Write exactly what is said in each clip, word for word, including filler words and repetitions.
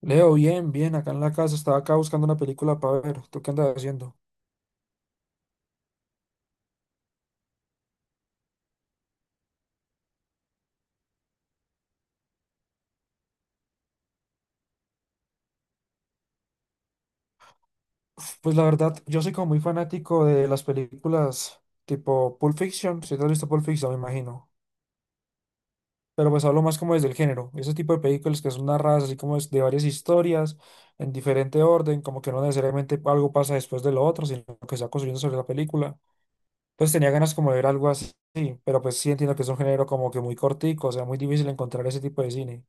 Leo, bien, bien, acá en la casa, estaba acá buscando una película para ver, ¿tú qué andas haciendo? Pues la verdad, yo soy como muy fanático de las películas tipo Pulp Fiction, si te has visto Pulp Fiction, me imagino, pero pues hablo más como desde el género, ese tipo de películas que son narradas así como es de varias historias, en diferente orden, como que no necesariamente algo pasa después de lo otro, sino que se va construyendo sobre la película. Entonces tenía ganas como de ver algo así, pero pues sí entiendo que es un género como que muy cortico, o sea, muy difícil encontrar ese tipo de cine.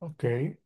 Ok. Ay,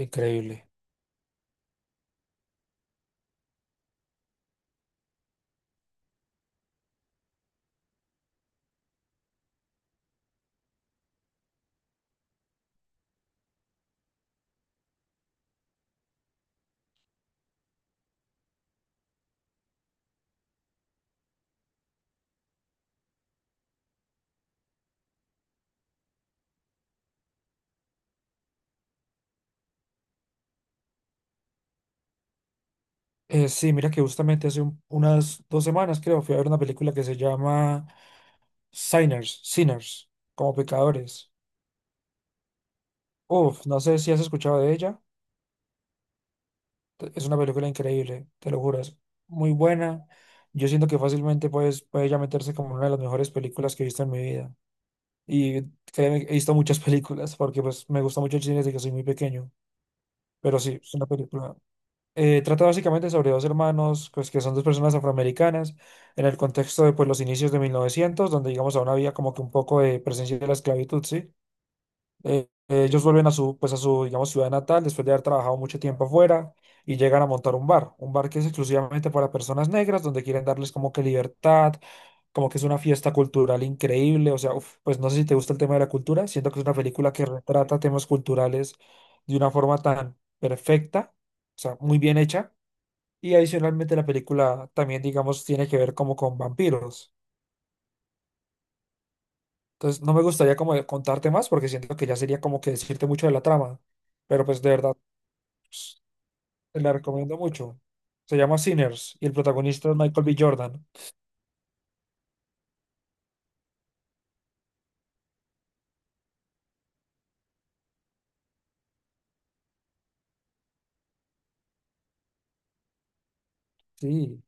increíble. Eh, sí, mira que justamente hace un- unas dos semanas, creo, fui a ver una película que se llama Sinners, Sinners, como pecadores. Uf, no sé si has escuchado de ella. Te- Es una película increíble, te lo juro, es muy buena. Yo siento que fácilmente pues, puede ya meterse como una de las mejores películas que he visto en mi vida. Y créeme, he visto muchas películas porque pues me gusta mucho el cine desde que soy muy pequeño. Pero sí, es una película. Eh, trata básicamente sobre dos hermanos, pues que son dos personas afroamericanas, en el contexto de pues, los inicios de mil novecientos, donde digamos aún había como que un poco de presencia de la esclavitud, ¿sí? Eh, eh, ellos vuelven a su, pues a su, digamos, ciudad natal después de haber trabajado mucho tiempo afuera y llegan a montar un bar, un bar que es exclusivamente para personas negras, donde quieren darles como que libertad, como que es una fiesta cultural increíble, o sea, uf, pues no sé si te gusta el tema de la cultura, siento que es una película que retrata temas culturales de una forma tan perfecta, o sea, muy bien hecha y adicionalmente la película también, digamos, tiene que ver como con vampiros. Entonces no me gustaría como de contarte más porque siento que ya sería como que decirte mucho de la trama. Pero pues de verdad, pues, te la recomiendo mucho. Se llama Sinners y el protagonista es Michael B. Jordan. Sí.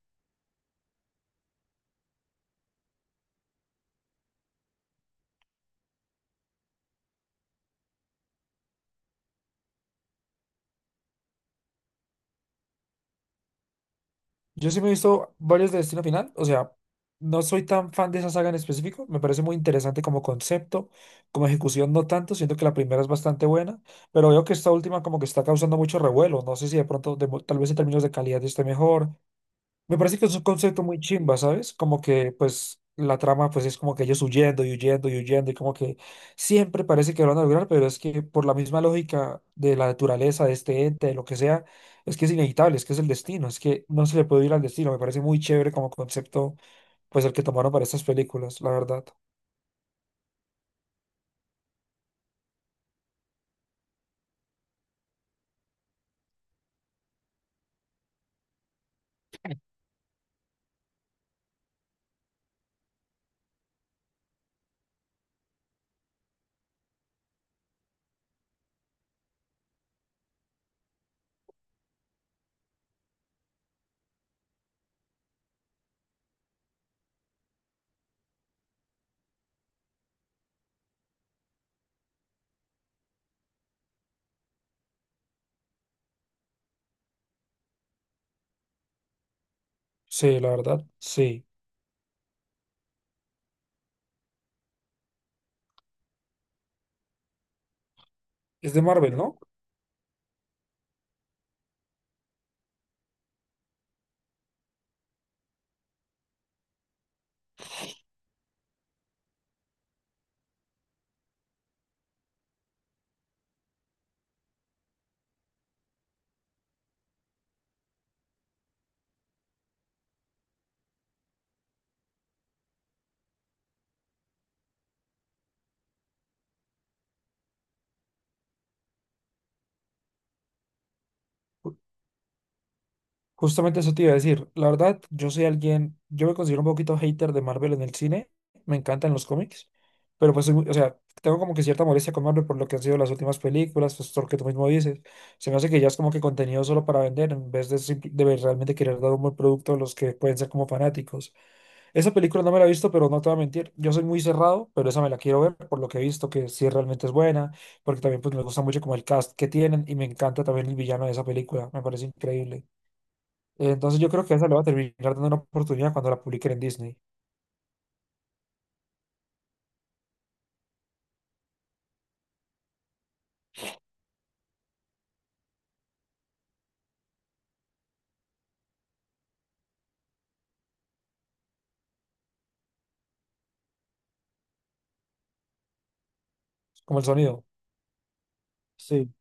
Yo sí me he visto varios de Destino Final. O sea, no soy tan fan de esa saga en específico. Me parece muy interesante como concepto, como ejecución no tanto. Siento que la primera es bastante buena. Pero veo que esta última como que está causando mucho revuelo. No sé si de pronto, de mo- tal vez en términos de calidad esté mejor. Me parece que es un concepto muy chimba, ¿sabes? Como que, pues, la trama, pues, es como que ellos huyendo y huyendo y huyendo y como que siempre parece que lo van a lograr, pero es que por la misma lógica de la naturaleza, de este ente, de lo que sea, es que es inevitable, es que es el destino, es que no se le puede ir al destino. Me parece muy chévere como concepto, pues, el que tomaron para estas películas, la verdad. Sí, la verdad, sí. ¿Es de Marvel, no? Justamente eso te iba a decir. La verdad, yo soy alguien, yo me considero un poquito hater de Marvel en el cine. Me encantan los cómics, pero pues, soy muy- o sea, tengo como que cierta molestia con Marvel por lo que han sido las últimas películas, pues lo que tú mismo dices. Se me hace que ya es como que contenido solo para vender en vez de, simple- de ver- realmente querer dar un buen producto a los que pueden ser como fanáticos. Esa película no me la he visto, pero no te voy a mentir. Yo soy muy cerrado, pero esa me la quiero ver por lo que he visto, que sí realmente es buena, porque también pues me gusta mucho como el cast que tienen y me encanta también el villano de esa película. Me parece increíble. Eh, Entonces yo creo que esa le va a terminar dando una oportunidad cuando la publiquen en Disney, como el sonido. Sí.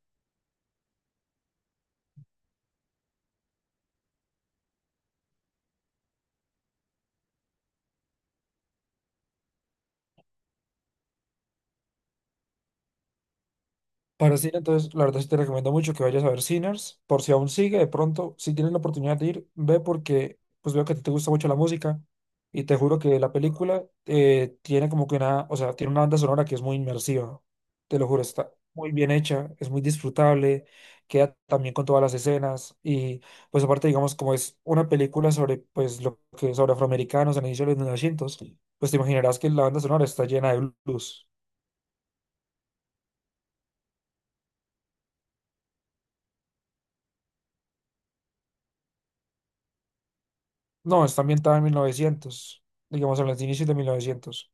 Para cine, entonces, la verdad sí te recomiendo mucho que vayas a ver Sinners, por si aún sigue, de pronto, si tienes la oportunidad de ir, ve porque pues veo que a ti te gusta mucho la música y te juro que la película eh, tiene como que una, o sea, tiene una banda sonora que es muy inmersiva, te lo juro, está muy bien hecha, es muy disfrutable, queda también con todas las escenas y pues aparte, digamos, como es una película sobre pues lo que sobre afroamericanos en el inicio de los mil novecientos, pues te imaginarás que la banda sonora está llena de blues. No, está ambientada en mil novecientos, digamos, en los inicios de mil novecientos.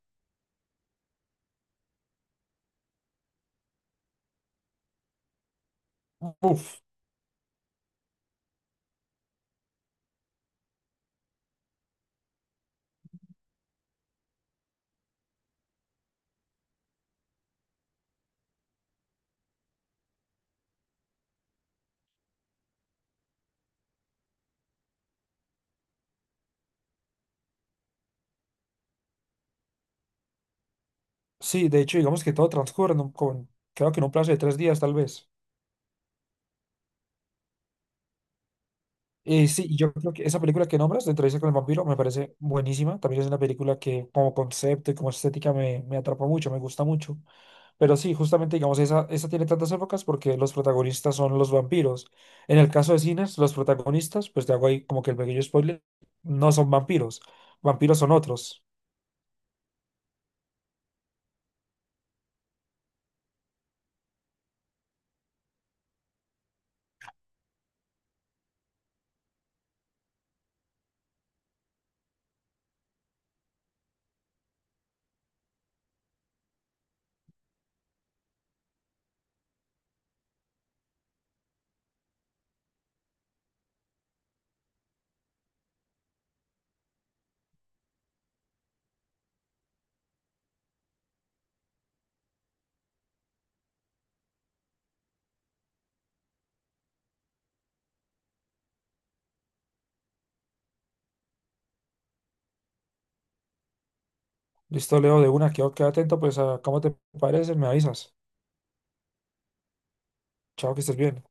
Uf, sí, de hecho, digamos que todo transcurre en un- con, creo que en un plazo de tres días, tal vez. Y sí, yo creo que esa película que nombras, de Entrevista con el Vampiro, me parece buenísima. También es una película que como concepto y como estética me, me atrapa mucho, me gusta mucho. Pero sí, justamente, digamos, esa, esa tiene tantas épocas porque los protagonistas son los vampiros. En el caso de cines, los protagonistas, pues te hago ahí como que el pequeño spoiler, no son vampiros. Vampiros son otros. Listo, Leo, de una, quedo, queda atento, pues a cómo te parece, me avisas. Chao, que estés bien.